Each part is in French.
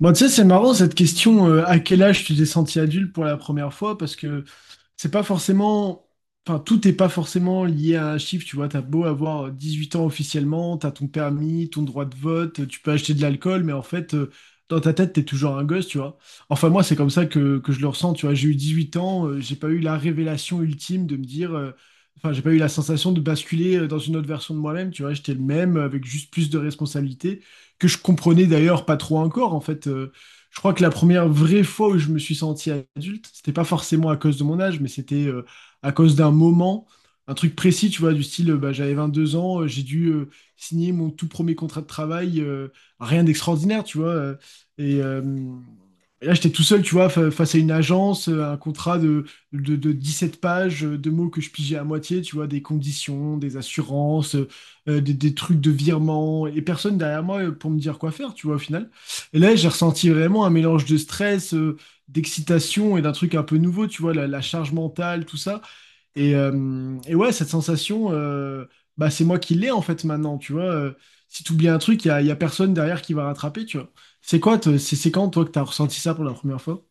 Bon, tu sais, c'est marrant cette question, à quel âge tu t'es senti adulte pour la première fois, parce que c'est pas forcément, enfin, tout n'est pas forcément lié à un chiffre, tu vois, t'as beau avoir 18 ans officiellement, t'as ton permis, ton droit de vote, tu peux acheter de l'alcool, mais en fait, dans ta tête, t'es toujours un gosse, tu vois. Enfin, moi, c'est comme ça que je le ressens, tu vois, j'ai eu 18 ans, j'ai pas eu la révélation ultime de me dire, enfin, j'ai pas eu la sensation de basculer dans une autre version de moi-même, tu vois, j'étais le même, avec juste plus de responsabilités que je comprenais d'ailleurs pas trop encore. En fait, je crois que la première vraie fois où je me suis senti adulte, c'était pas forcément à cause de mon âge, mais c'était à cause d'un moment, un truc précis, tu vois, du style, bah, j'avais 22 ans, j'ai dû signer mon tout premier contrat de travail, rien d'extraordinaire, tu vois. Et, et là, j'étais tout seul, tu vois, face à une agence, un contrat de 17 pages, de mots que je pigeais à moitié, tu vois, des conditions, des assurances, des trucs de virement et personne derrière moi pour me dire quoi faire, tu vois, au final. Et là, j'ai ressenti vraiment un mélange de stress, d'excitation et d'un truc un peu nouveau, tu vois, la charge mentale, tout ça. Et ouais, cette sensation, bah, c'est moi qui l'ai en fait maintenant, tu vois. Si tu oublies un truc, y a personne derrière qui va rattraper, tu vois. C'est quoi, c'est quand, toi, que tu as ressenti ça pour la première fois?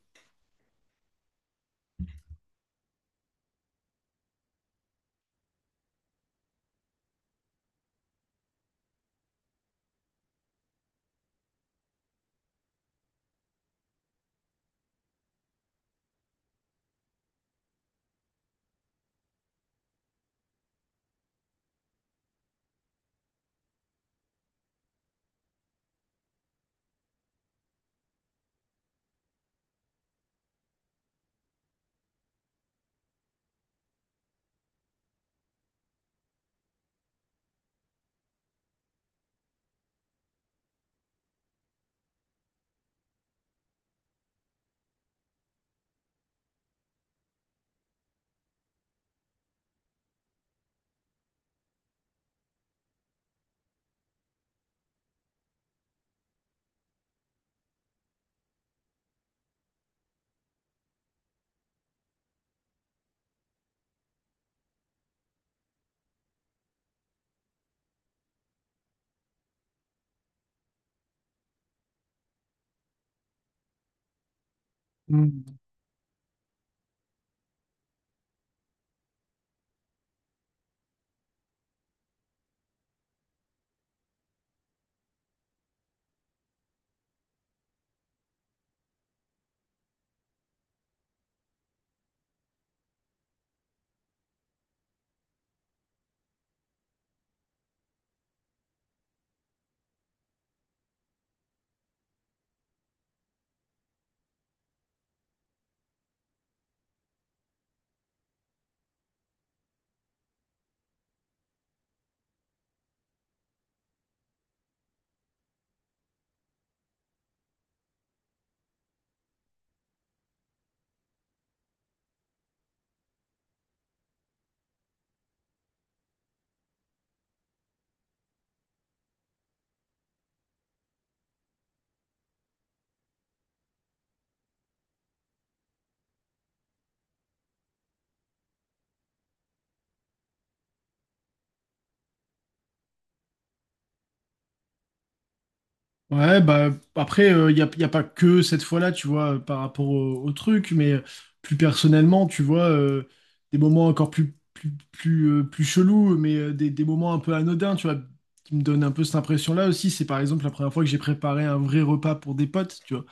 Ouais, bah après, y a pas que cette fois-là, tu vois, par rapport au truc, mais plus personnellement, tu vois, des moments encore plus chelous, mais des moments un peu anodins, tu vois, qui me donnent un peu cette impression-là aussi. C'est par exemple la première fois que j'ai préparé un vrai repas pour des potes, tu vois,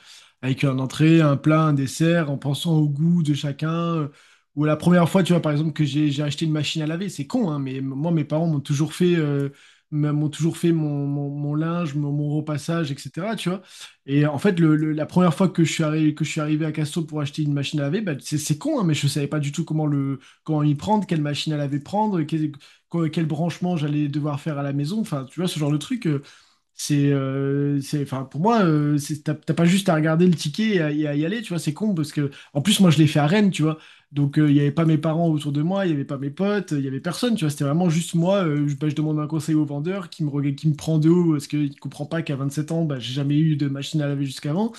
avec un entrée, un plat, un dessert, en pensant au goût de chacun. euh, Ou la première fois, tu vois, par exemple, que j'ai acheté une machine à laver, c'est con, hein, mais moi, mes parents m'ont toujours fait m'ont toujours fait mon linge, mon repassage, etc. Tu vois. Et en fait, la première fois que je suis arrivé, que je suis arrivé à Casto pour acheter une machine à laver, bah, c'est con, hein, mais je savais pas du tout comment y prendre, quelle machine à laver prendre, quel branchement j'allais devoir faire à la maison. Enfin, tu vois, ce genre de truc. Enfin, pour moi, t'as pas juste à regarder le ticket et à y aller, tu vois, c'est con parce que, en plus, moi, je l'ai fait à Rennes, tu vois, donc il y avait pas mes parents autour de moi, il y avait pas mes potes, il y avait personne, tu vois, c'était vraiment juste moi, bah, je demande un conseil au vendeur qui me prend de haut parce qu'il comprend pas qu'à 27 ans, bah, j'ai jamais eu de machine à laver jusqu'avant.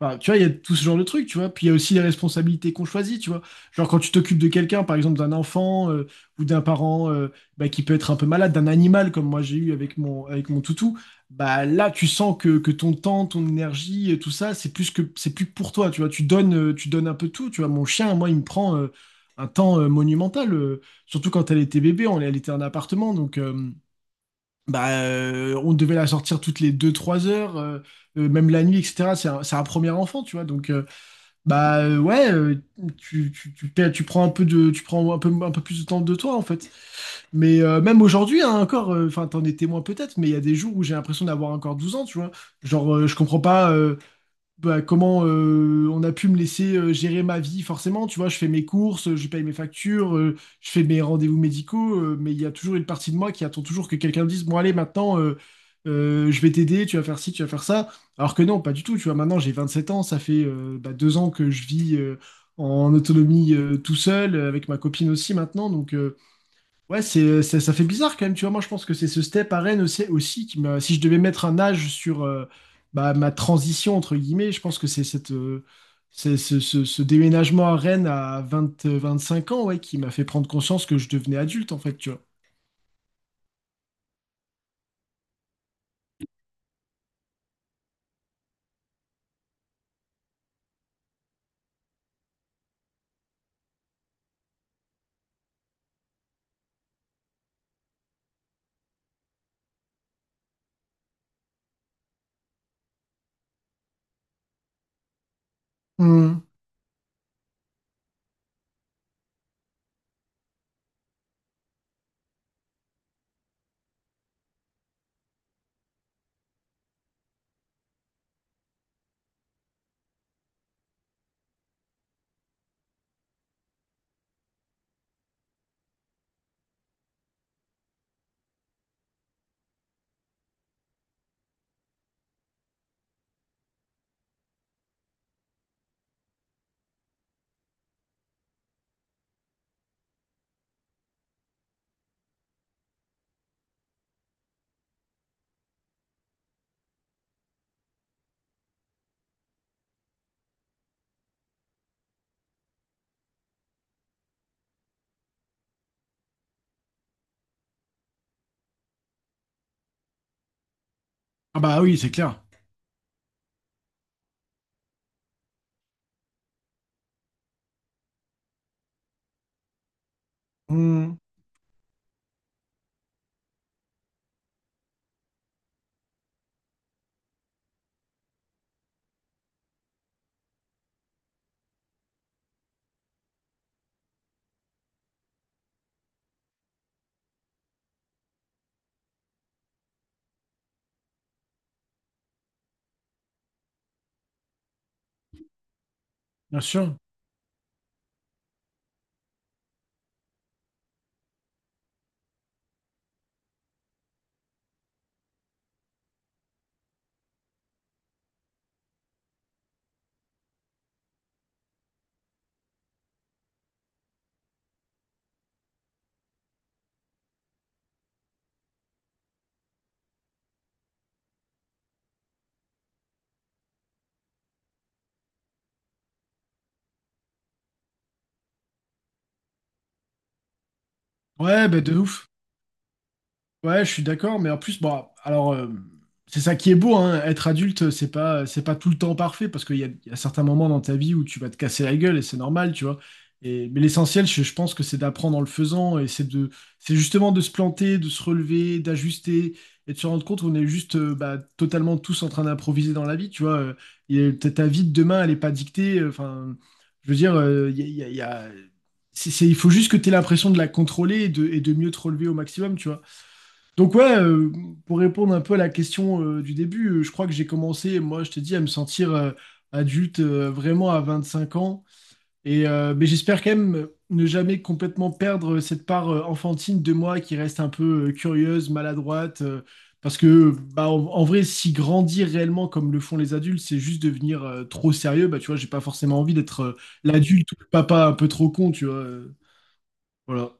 Enfin, tu vois, il y a tout ce genre de trucs, tu vois. Puis il y a aussi les responsabilités qu'on choisit, tu vois. Genre quand tu t'occupes de quelqu'un, par exemple d'un enfant ou d'un parent bah, qui peut être un peu malade, d'un animal comme moi j'ai eu avec avec mon toutou, bah là tu sens que ton temps, ton énergie, tout ça, c'est plus que pour toi, tu vois. Tu donnes un peu tout, tu vois. Mon chien, moi, il me prend un temps monumental, surtout quand elle était bébé, on, elle était en appartement, donc. Bah, on devait la sortir toutes les 2 3 heures, même la nuit, etc. C'est un premier enfant, tu vois. Donc, ouais, tu prends un peu de, tu prends un peu plus de temps de toi, en fait. Mais même aujourd'hui, hein, encore, enfin, t'en es témoin peut-être, mais il y a des jours où j'ai l'impression d'avoir encore 12 ans, tu vois. Genre, je comprends pas. Bah, comment on a pu me laisser gérer ma vie, forcément. Tu vois, je fais mes courses, je paye mes factures, je fais mes rendez-vous médicaux, mais il y a toujours une partie de moi qui attend toujours que quelqu'un me dise, bon, allez, maintenant, je vais t'aider, tu vas faire ci, tu vas faire ça. Alors que non, pas du tout. Tu vois, maintenant, j'ai 27 ans, ça fait bah, 2 ans que je vis en autonomie tout seul, avec ma copine aussi maintenant. Ouais, ça fait bizarre quand même, tu vois. Moi, je pense que c'est ce step à Rennes aussi qui m'a. Si je devais mettre un âge sur bah, ma transition, entre guillemets, je pense que c'est cette, ce déménagement à Rennes à 20 cinq ans ouais, qui m'a fait prendre conscience que je devenais adulte, en fait, tu vois. Hmm. Ah bah oui, c'est clair. Hmm. Bien sûr. Ouais, bah de ouf. Ouais, je suis d'accord, mais en plus, bon, alors, c'est ça qui est beau, hein, être adulte, c'est pas tout le temps parfait, parce qu'il y a, il y a certains moments dans ta vie où tu vas te casser la gueule, et c'est normal, tu vois. Et, mais l'essentiel, je pense que c'est d'apprendre en le faisant, et c'est de, c'est justement de se planter, de se relever, d'ajuster, et de se rendre compte qu'on est juste bah, totalement tous en train d'improviser dans la vie, tu vois. Et ta vie de demain, elle est pas dictée, enfin, je veux dire, il y a, il y a- il y a- c'est- il faut juste que tu aies l'impression de la contrôler et de mieux te relever au maximum, tu vois. Donc ouais, pour répondre un peu à la question du début, je crois que j'ai commencé, moi je te dis, à me sentir adulte vraiment à 25 ans. Et mais j'espère quand même ne jamais complètement perdre cette part enfantine de moi qui reste un peu curieuse, maladroite. Parce que bah, en vrai, si grandir réellement comme le font les adultes, c'est juste devenir trop sérieux, bah tu vois, j'ai pas forcément envie d'être l'adulte ou le papa un peu trop con, tu vois. Voilà.